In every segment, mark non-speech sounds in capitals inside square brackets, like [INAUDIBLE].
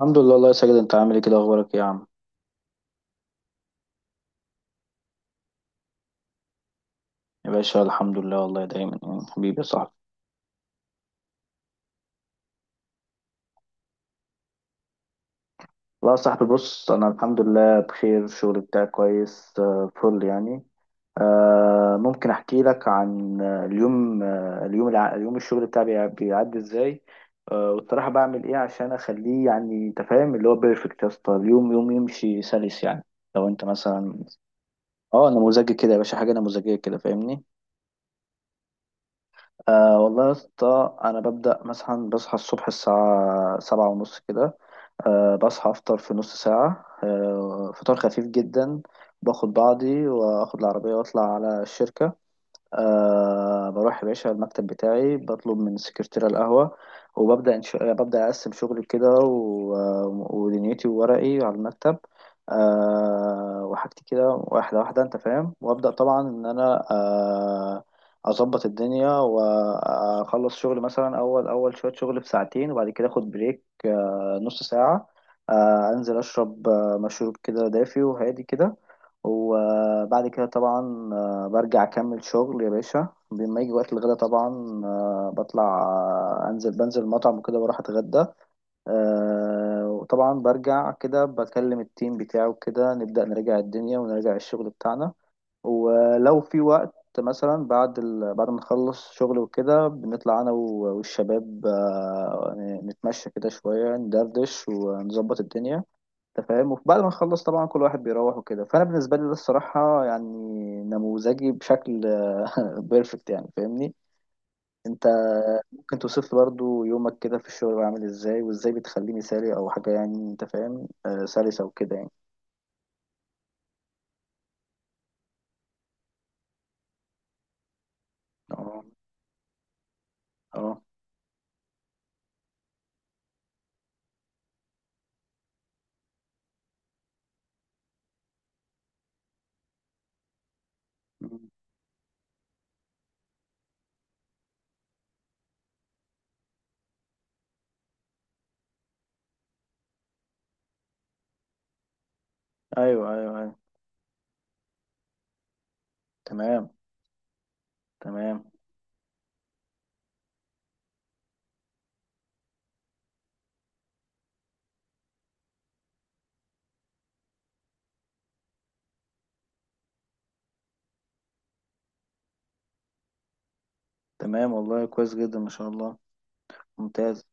الحمد لله. الله يا ساجد، انت عامل ايه كده؟ اخبارك ايه يا عم؟ يا باشا الحمد لله والله دايما يعني، حبيبي يا صاحبي. والله يا صاحبي، بص انا الحمد لله بخير. الشغل بتاعي كويس، فل يعني. ممكن احكي لك عن اليوم، اليوم الشغل بتاعي بيعدي ازاي، والصراحه بعمل ايه عشان اخليه يعني، انت فاهم اللي هو بيرفكت. يا اسطى اليوم يوم يمشي سلس يعني، لو انت مثلا. اه، نموذجي كده يا باشا، حاجه نموذجيه كده، فاهمني؟ أه والله يا اسطى، أنا ببدأ مثلا بصحى الصبح الساعة سبعة ونص كده. أه، بصحى أفطر في نص ساعة، أه فطار خفيف جدا. باخد بعضي وآخد العربية وأطلع على الشركة. أه، بروح يا باشا المكتب بتاعي، بطلب من السكرتيرة القهوة، وببدأ ببدأ أقسم شغلي كده ودنيتي وورقي على المكتب. أه، وحاجتي كده واحدة واحدة، أنت فاهم. وأبدأ طبعا إن أنا أه أظبط الدنيا وأخلص شغل، مثلا أول شوية شغل في ساعتين، وبعد كده أخد بريك أه نص ساعة. أه أنزل أشرب مشروب كده دافي وهادي كده. وبعد كده طبعا برجع اكمل شغل يا باشا، بما يجي وقت الغدا طبعا، آه، بطلع آه، انزل بنزل مطعم وكده بروح اتغدى. وطبعا برجع كده بكلم التيم بتاعه كده، نبدأ نراجع الدنيا ونراجع الشغل بتاعنا. ولو في وقت مثلا بعد ما نخلص شغل وكده، بنطلع انا والشباب، نتمشى كده شوية، ندردش ونظبط الدنيا، انت فاهم. وبعد ما نخلص طبعا كل واحد بيروح وكده. فانا بالنسبه لي ده الصراحه يعني نموذجي بشكل [LAUGHS] بيرفكت يعني، فاهمني انت؟ ممكن توصف لي برضو يومك كده في الشغل عامل ازاي، وازاي بتخليه مثالي او حاجه، يعني انت فاهم، آه سلسه وكده يعني. اه. اه. مم. ايوه ايوه ايوه. تمام. تمام. تمام والله كويس جدا ما شاء الله. ممتاز.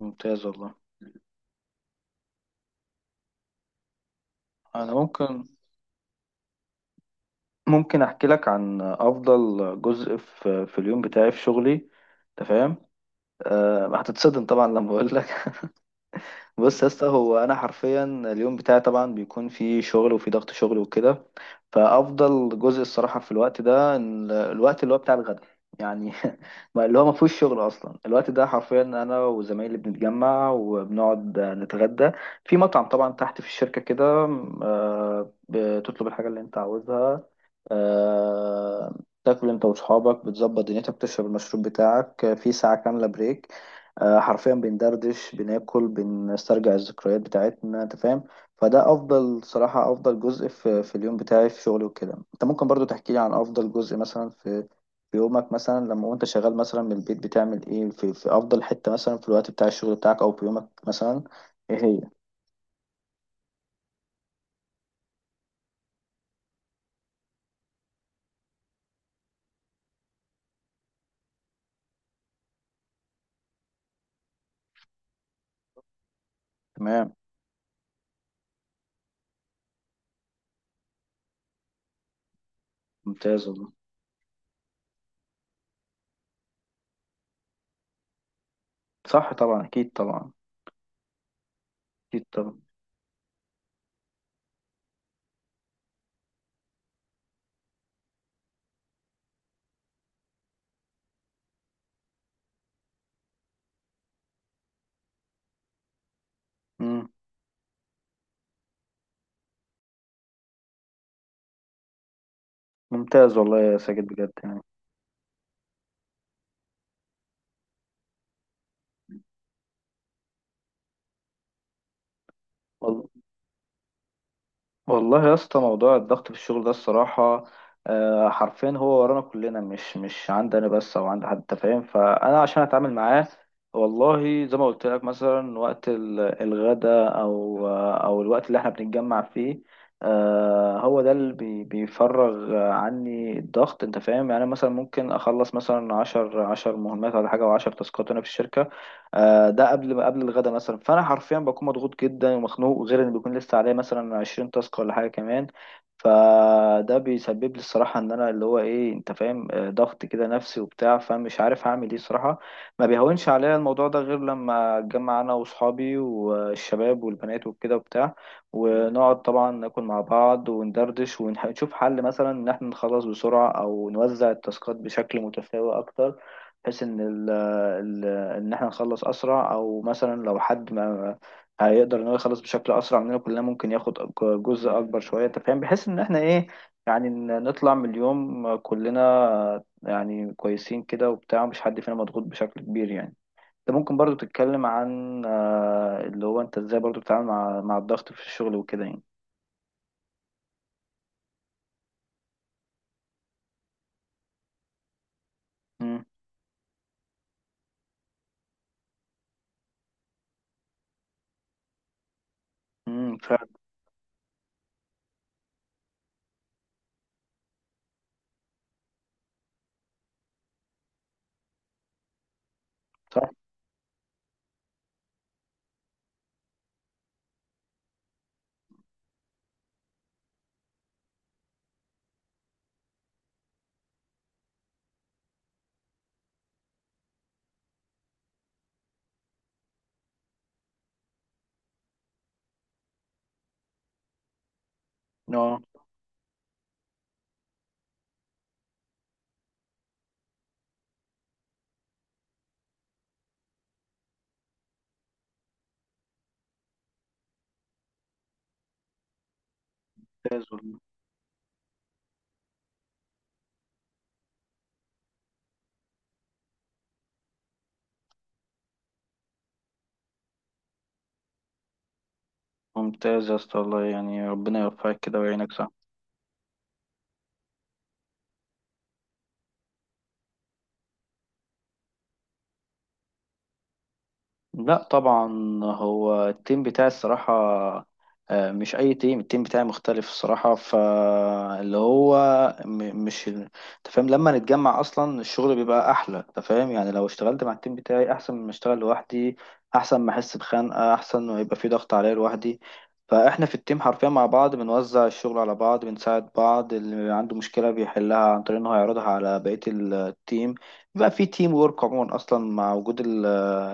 ممتاز والله. انا ممكن، ممكن احكي لك عن افضل جزء في اليوم بتاعي في شغلي، انت فاهم. أه هتتصدم طبعا لما اقول لك. [LAUGHS] بص يا اسطى، هو انا حرفيا اليوم بتاعي طبعا بيكون فيه شغل وفيه ضغط شغل وكده، فافضل جزء الصراحه في الوقت ده الوقت اللي هو بتاع الغدا، يعني [LAUGHS] اللي هو ما فيهوش شغل اصلا. الوقت ده حرفيا انا وزمايلي بنتجمع وبنقعد نتغدى في مطعم طبعا تحت في الشركه كده. أه بتطلب الحاجه اللي انت عاوزها، آه، تاكل انت وصحابك، بتظبط دنيتك، بتشرب المشروب بتاعك، في ساعة كاملة بريك. حرفيا بندردش، بناكل، بنسترجع الذكريات بتاعتنا، انت فاهم. فده افضل صراحة، افضل جزء في اليوم بتاعي في شغلي وكده. انت ممكن برضو تحكي لي عن افضل جزء مثلا في في يومك مثلا، لما وانت شغال مثلا من البيت بتعمل ايه في افضل حتة مثلا في الوقت بتاع الشغل بتاعك، او في يومك مثلا ايه هي؟ تمام. ممتاز والله. صح طبعا، اكيد طبعا. اكيد طبعا. مم. ممتاز والله يا ساجد بجد يعني. وال- والله يا اسطى، موضوع الضغط في الشغل ده الصراحة حرفيا هو ورانا كلنا، مش عندي انا بس او عند حد، أنت فاهم. فانا عشان اتعامل معاه، والله زي ما قلت لك مثلا وقت الغداء، او او الوقت اللي احنا بنتجمع فيه، هو ده اللي بيفرغ عني الضغط، انت فاهم. يعني مثلا ممكن اخلص مثلا عشر مهمات ولا حاجة، او عشر تاسكات انا في الشركة، ده قبل الغدا مثلا. فانا حرفيا بكون مضغوط جدا ومخنوق، غير ان بيكون لسه عليا مثلا 20 تاسك ولا حاجه كمان. فده بيسبب لي الصراحه ان انا اللي هو ايه، انت فاهم، ضغط كده نفسي وبتاع، فمش عارف هعمل ايه صراحه. ما بيهونش عليا الموضوع ده غير لما اتجمع انا واصحابي والشباب والبنات وكده وبتاع، ونقعد طبعا ناكل مع بعض وندردش، ونشوف حل مثلا ان احنا نخلص بسرعه، او نوزع التاسكات بشكل متساوي اكتر، بحيث ان ال ان احنا نخلص اسرع. او مثلا لو حد ما هيقدر ان هو يخلص بشكل اسرع مننا كلنا، ممكن ياخد جزء اكبر شويه، انت فاهم، بحيث ان احنا ايه، يعني نطلع من اليوم كلنا يعني كويسين كده وبتاع، مش حد فينا مضغوط بشكل كبير يعني. انت ممكن برضو تتكلم عن اللي هو انت ازاي برضو بتتعامل مع الضغط في الشغل وكده يعني. امم. فعلا. صح. اه. ممتاز والله. ممتاز يا اسطى والله، يعني ربنا يوفقك كده ويعينك، صح. لا طبعا. هو التيم بتاعي الصراحة مش أي تيم، التيم بتاعي مختلف الصراحة. فاللي هو مش أنت فاهم، لما نتجمع أصلا الشغل بيبقى أحلى، أنت فاهم، يعني لو اشتغلت مع التيم بتاعي أحسن من ما أشتغل لوحدي، أحسن ما أحس بخنقة، أحسن ما يبقى في ضغط عليا لوحدي. فإحنا في التيم حرفيا مع بعض بنوزع الشغل على بعض، بنساعد بعض، اللي عنده مشكلة بيحلها عن طريق إن هو يعرضها على بقية التيم. بيبقى في تيم وورك عموما أصلا مع وجود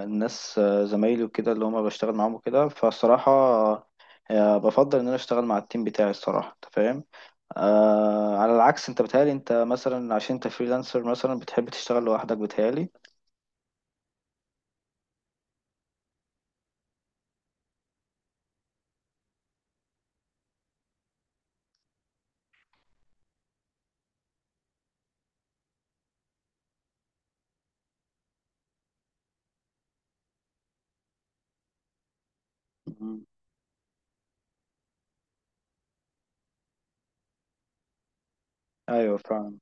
الناس، زمايلي وكده اللي هما بشتغل معاهم وكده. فالصراحة بفضل ان انا اشتغل مع التيم بتاعي الصراحة، انت فاهم. على العكس، انت بتهيألي انت مثلا عشان انت فريلانسر، مثلا بتحب تشتغل لوحدك، بتهيألي. مم. ايوه فاهم.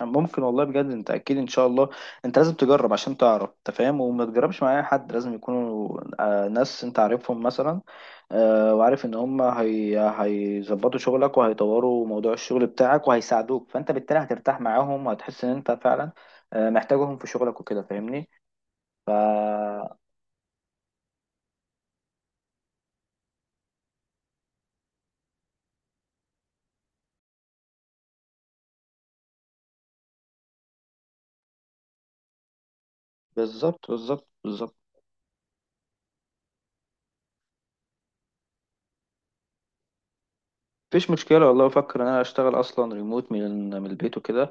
ممكن والله بجد، انت اكيد ان شاء الله. انت لازم تجرب عشان تعرف، انت فاهم، وما تجربش مع اي حد، لازم يكونوا ناس انت عارفهم مثلا، وعارف ان هم هيظبطوا شغلك وهيطوروا موضوع الشغل بتاعك وهيساعدوك. فانت بالتالي هترتاح معاهم وهتحس ان انت فعلا محتاجهم في شغلك وكده، فاهمني؟ ف بالظبط، بالظبط، بالظبط. مفيش مشكلة والله، بفكر ان انا اشتغل اصلا ريموت من البيت وكده،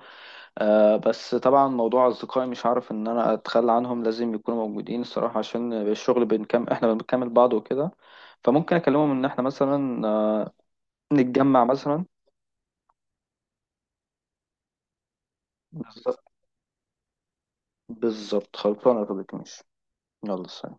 آه. بس طبعا موضوع أصدقائي مش هعرف إن أنا أتخلى عنهم، لازم يكونوا موجودين الصراحة، عشان الشغل بنكمل، إحنا بنكمل بعض وكده. فممكن أكلمهم إن إحنا مثلا نتجمع مثلا. بالظبط. بالظبط، خلصانة يا طارق، ماشي. يلا سلام.